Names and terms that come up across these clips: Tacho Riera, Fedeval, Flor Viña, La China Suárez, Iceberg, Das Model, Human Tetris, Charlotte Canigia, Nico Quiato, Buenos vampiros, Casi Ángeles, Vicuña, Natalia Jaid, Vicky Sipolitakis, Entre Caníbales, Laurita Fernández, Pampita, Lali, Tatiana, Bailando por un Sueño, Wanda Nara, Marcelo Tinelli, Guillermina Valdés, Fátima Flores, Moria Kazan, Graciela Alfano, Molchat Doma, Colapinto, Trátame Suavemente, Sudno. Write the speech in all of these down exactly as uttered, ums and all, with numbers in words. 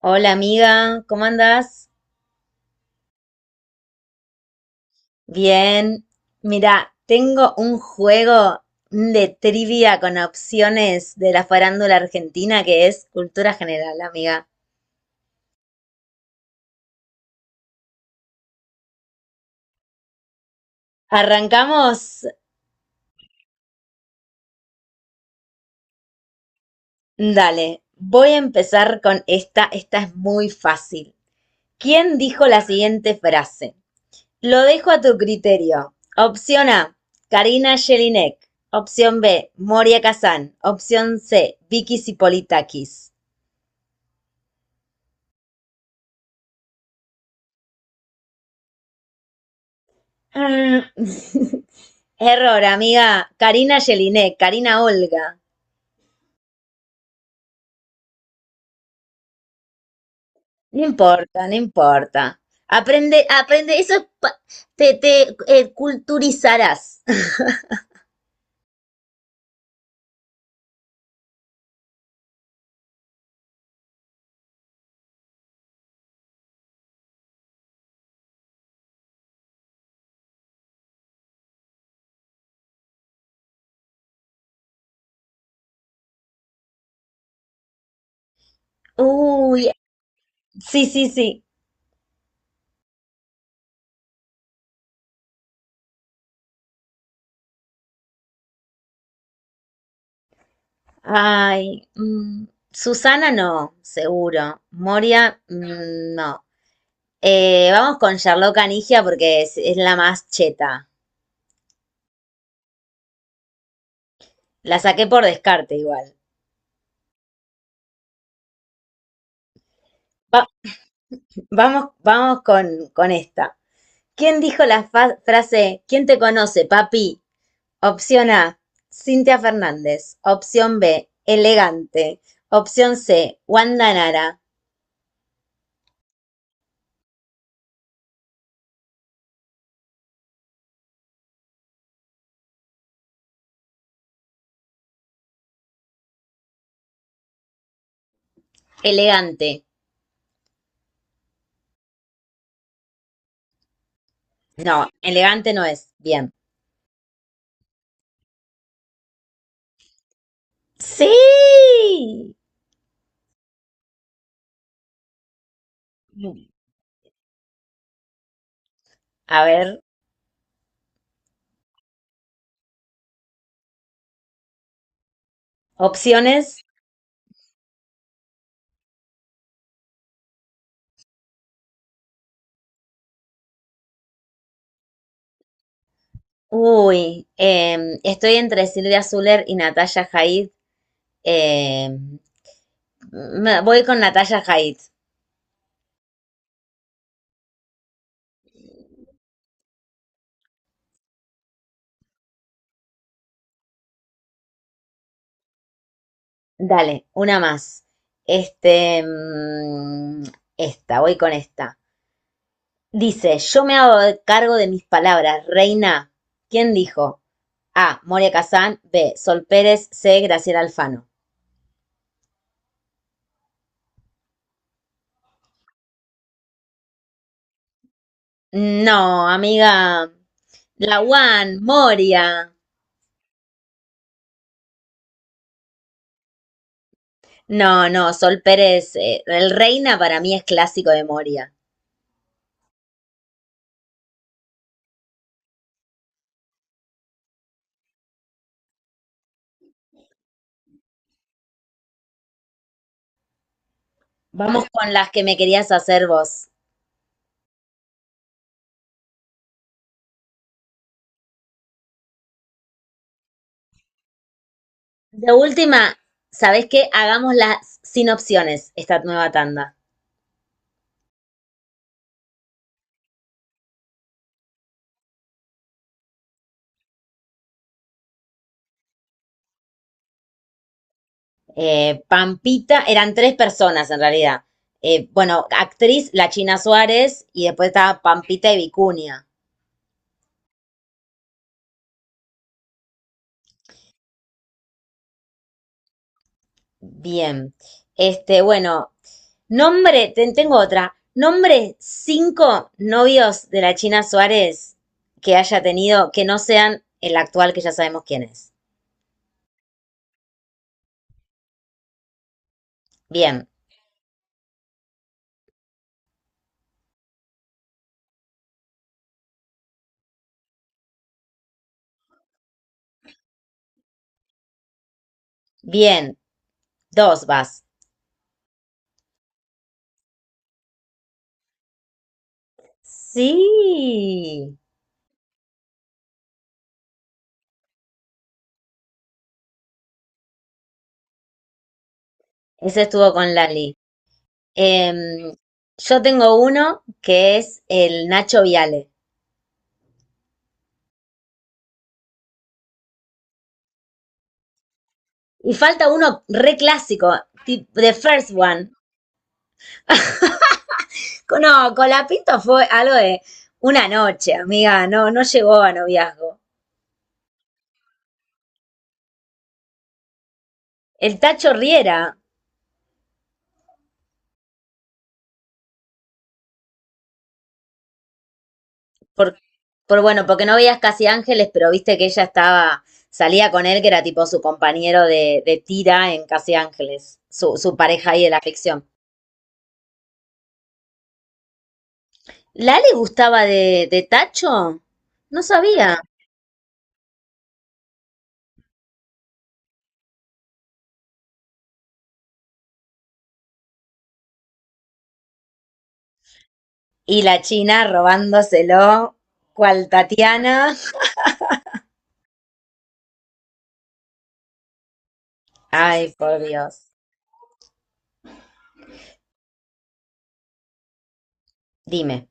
Hola, amiga, ¿cómo andás? Bien. Mira, tengo un juego de trivia con opciones de la farándula argentina que es cultura general, amiga. Arrancamos. Dale, voy a empezar con esta. Esta es muy fácil. ¿Quién dijo la siguiente frase? Lo dejo a tu criterio. Opción A, Karina Jelinek. Opción B, Moria Kazan. Opción C, Vicky Sipolitakis. Error, amiga. Karina Jelinek, Karina Olga. No importa, no importa. Aprende, aprende, eso es pa- te, te eh, culturizarás. Uy, sí, sí, sí. Ay, mm, Susana no, seguro. Moria, mm, no. Eh, vamos con Charlotte Canigia porque es, es la más cheta. La saqué por descarte igual. Va- vamos, vamos con, con esta. ¿Quién dijo la frase ¿Quién te conoce, papi? Opción A, Cintia Fernández. Opción B, elegante. Opción C, Wanda Nara. Elegante. No, elegante no es. Bien. Sí. A ver, opciones. Uy, em, estoy entre Silvia Zuller y Natalia Jaid. Em, Voy con Natalia Jaid. Dale, una más. Este, mm, Esta, voy con esta. Dice, yo me hago de- cargo de mis palabras, reina. ¿Quién dijo? A, Moria Kazán, B, Sol Pérez, C, Graciela Alfano. No, amiga. La One, Moria. No, no, Sol Pérez, eh, el reina para mí es clásico de Moria. Vamos con las que me querías hacer vos. De última, ¿sabés qué? Hagámoslas sin opciones, esta nueva tanda. eh, Pampita, eran tres personas en realidad. Eh, bueno, actriz La China Suárez y después estaba Pampita y Vicuña. Bien. Este, bueno, nombre, ten- tengo otra. Nombre cinco novios de la China Suárez que haya tenido que no sean el actual que ya sabemos quién es. Bien, bien. Dos vas. Sí. Ese estuvo con Lali. Em, yo tengo uno que es el Nacho Viale. Y falta uno re clásico, tip- The First One. No, Colapinto fue algo de una noche, amiga, no, no llegó a noviazgo. El Tacho Riera, por, por bueno, porque no veías casi ángeles, pero viste que ella estaba, salía con él, que era tipo su compañero de, de tira en Casi Ángeles, su, su pareja ahí de la ficción. ¿La le gustaba de, de Tacho? No sabía. Y la China robándoselo, cual Tatiana. Ay, por Dios. Dime.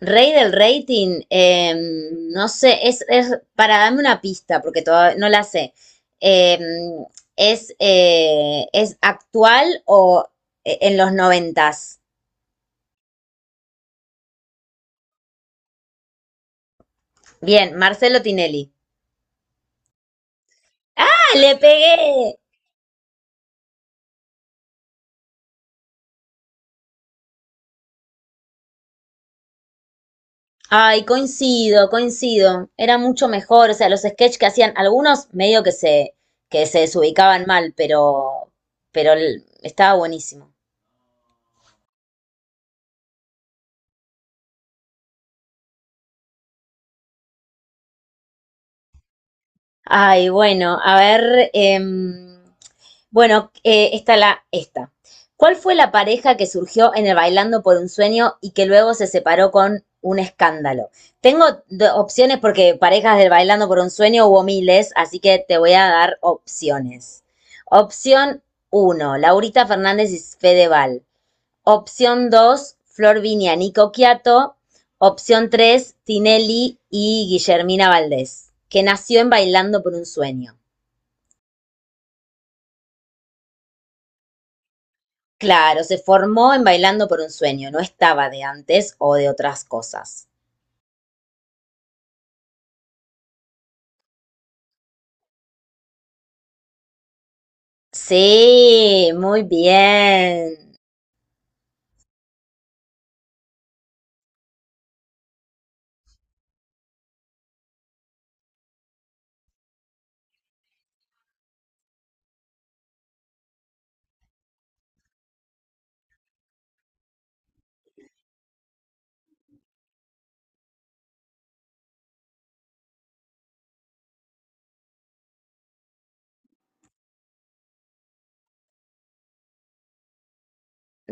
Rey del rating, eh, no sé, es, es para darme una pista, porque todavía no la sé. Eh, es, eh, ¿Es actual o eh, en los noventas? Bien, Marcelo Tinelli. ¡Ah, le pegué! Ay, coincido, coincido. Era mucho mejor. O sea, los sketches que hacían algunos medio que se, que se desubicaban mal, pero, pero el- estaba buenísimo. Ay, bueno, a ver, em, bueno, eh, esta la, esta. ¿Cuál fue la pareja que surgió en el Bailando por un Sueño y que luego se separó con un escándalo? Tengo do- opciones porque parejas del Bailando por un Sueño hubo miles, así que te voy a dar opciones. Opción uno: Laurita Fernández y Fedeval. Opción dos: Flor Viña, Nico Quiato. Opción tres: Tinelli y Guillermina Valdés, que nació en Bailando por un Sueño. Claro, se formó en Bailando por un sueño, no estaba de antes o de otras cosas. Sí, muy bien.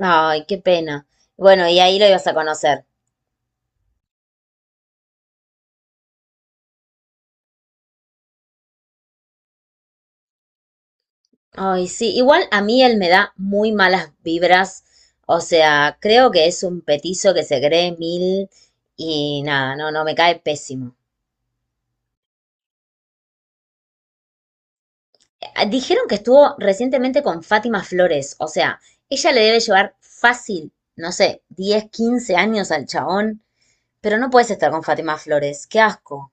Ay, qué pena. Bueno, y ahí lo ibas a conocer. Ay, sí, igual a mí él me da muy malas vibras. O sea, creo que es un petizo que se cree mil y nada, no, no, me cae pésimo. Eh, Dijeron que estuvo recientemente con Fátima Flores. O sea, ella le debe llevar fácil, no sé, diez, quince años al chabón. Pero no puedes estar con Fátima Flores, qué asco.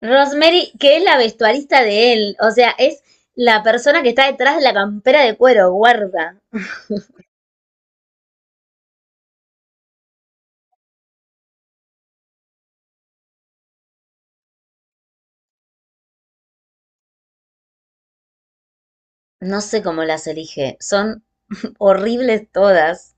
Rosemary, que es la vestuarista de él, o sea, es la persona que está detrás de la campera de cuero, guarda. No sé cómo las elige, son horribles todas.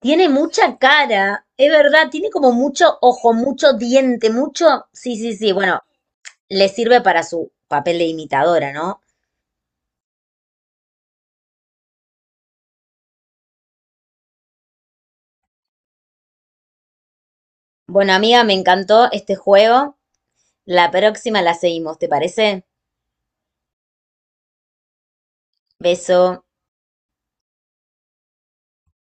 Tiene mucha cara, es verdad, tiene como mucho ojo, mucho diente, mucho... Sí, sí, sí, bueno, le sirve para su papel de imitadora, ¿no? Bueno, amiga, me encantó este juego. La próxima la seguimos, ¿te parece? Beso.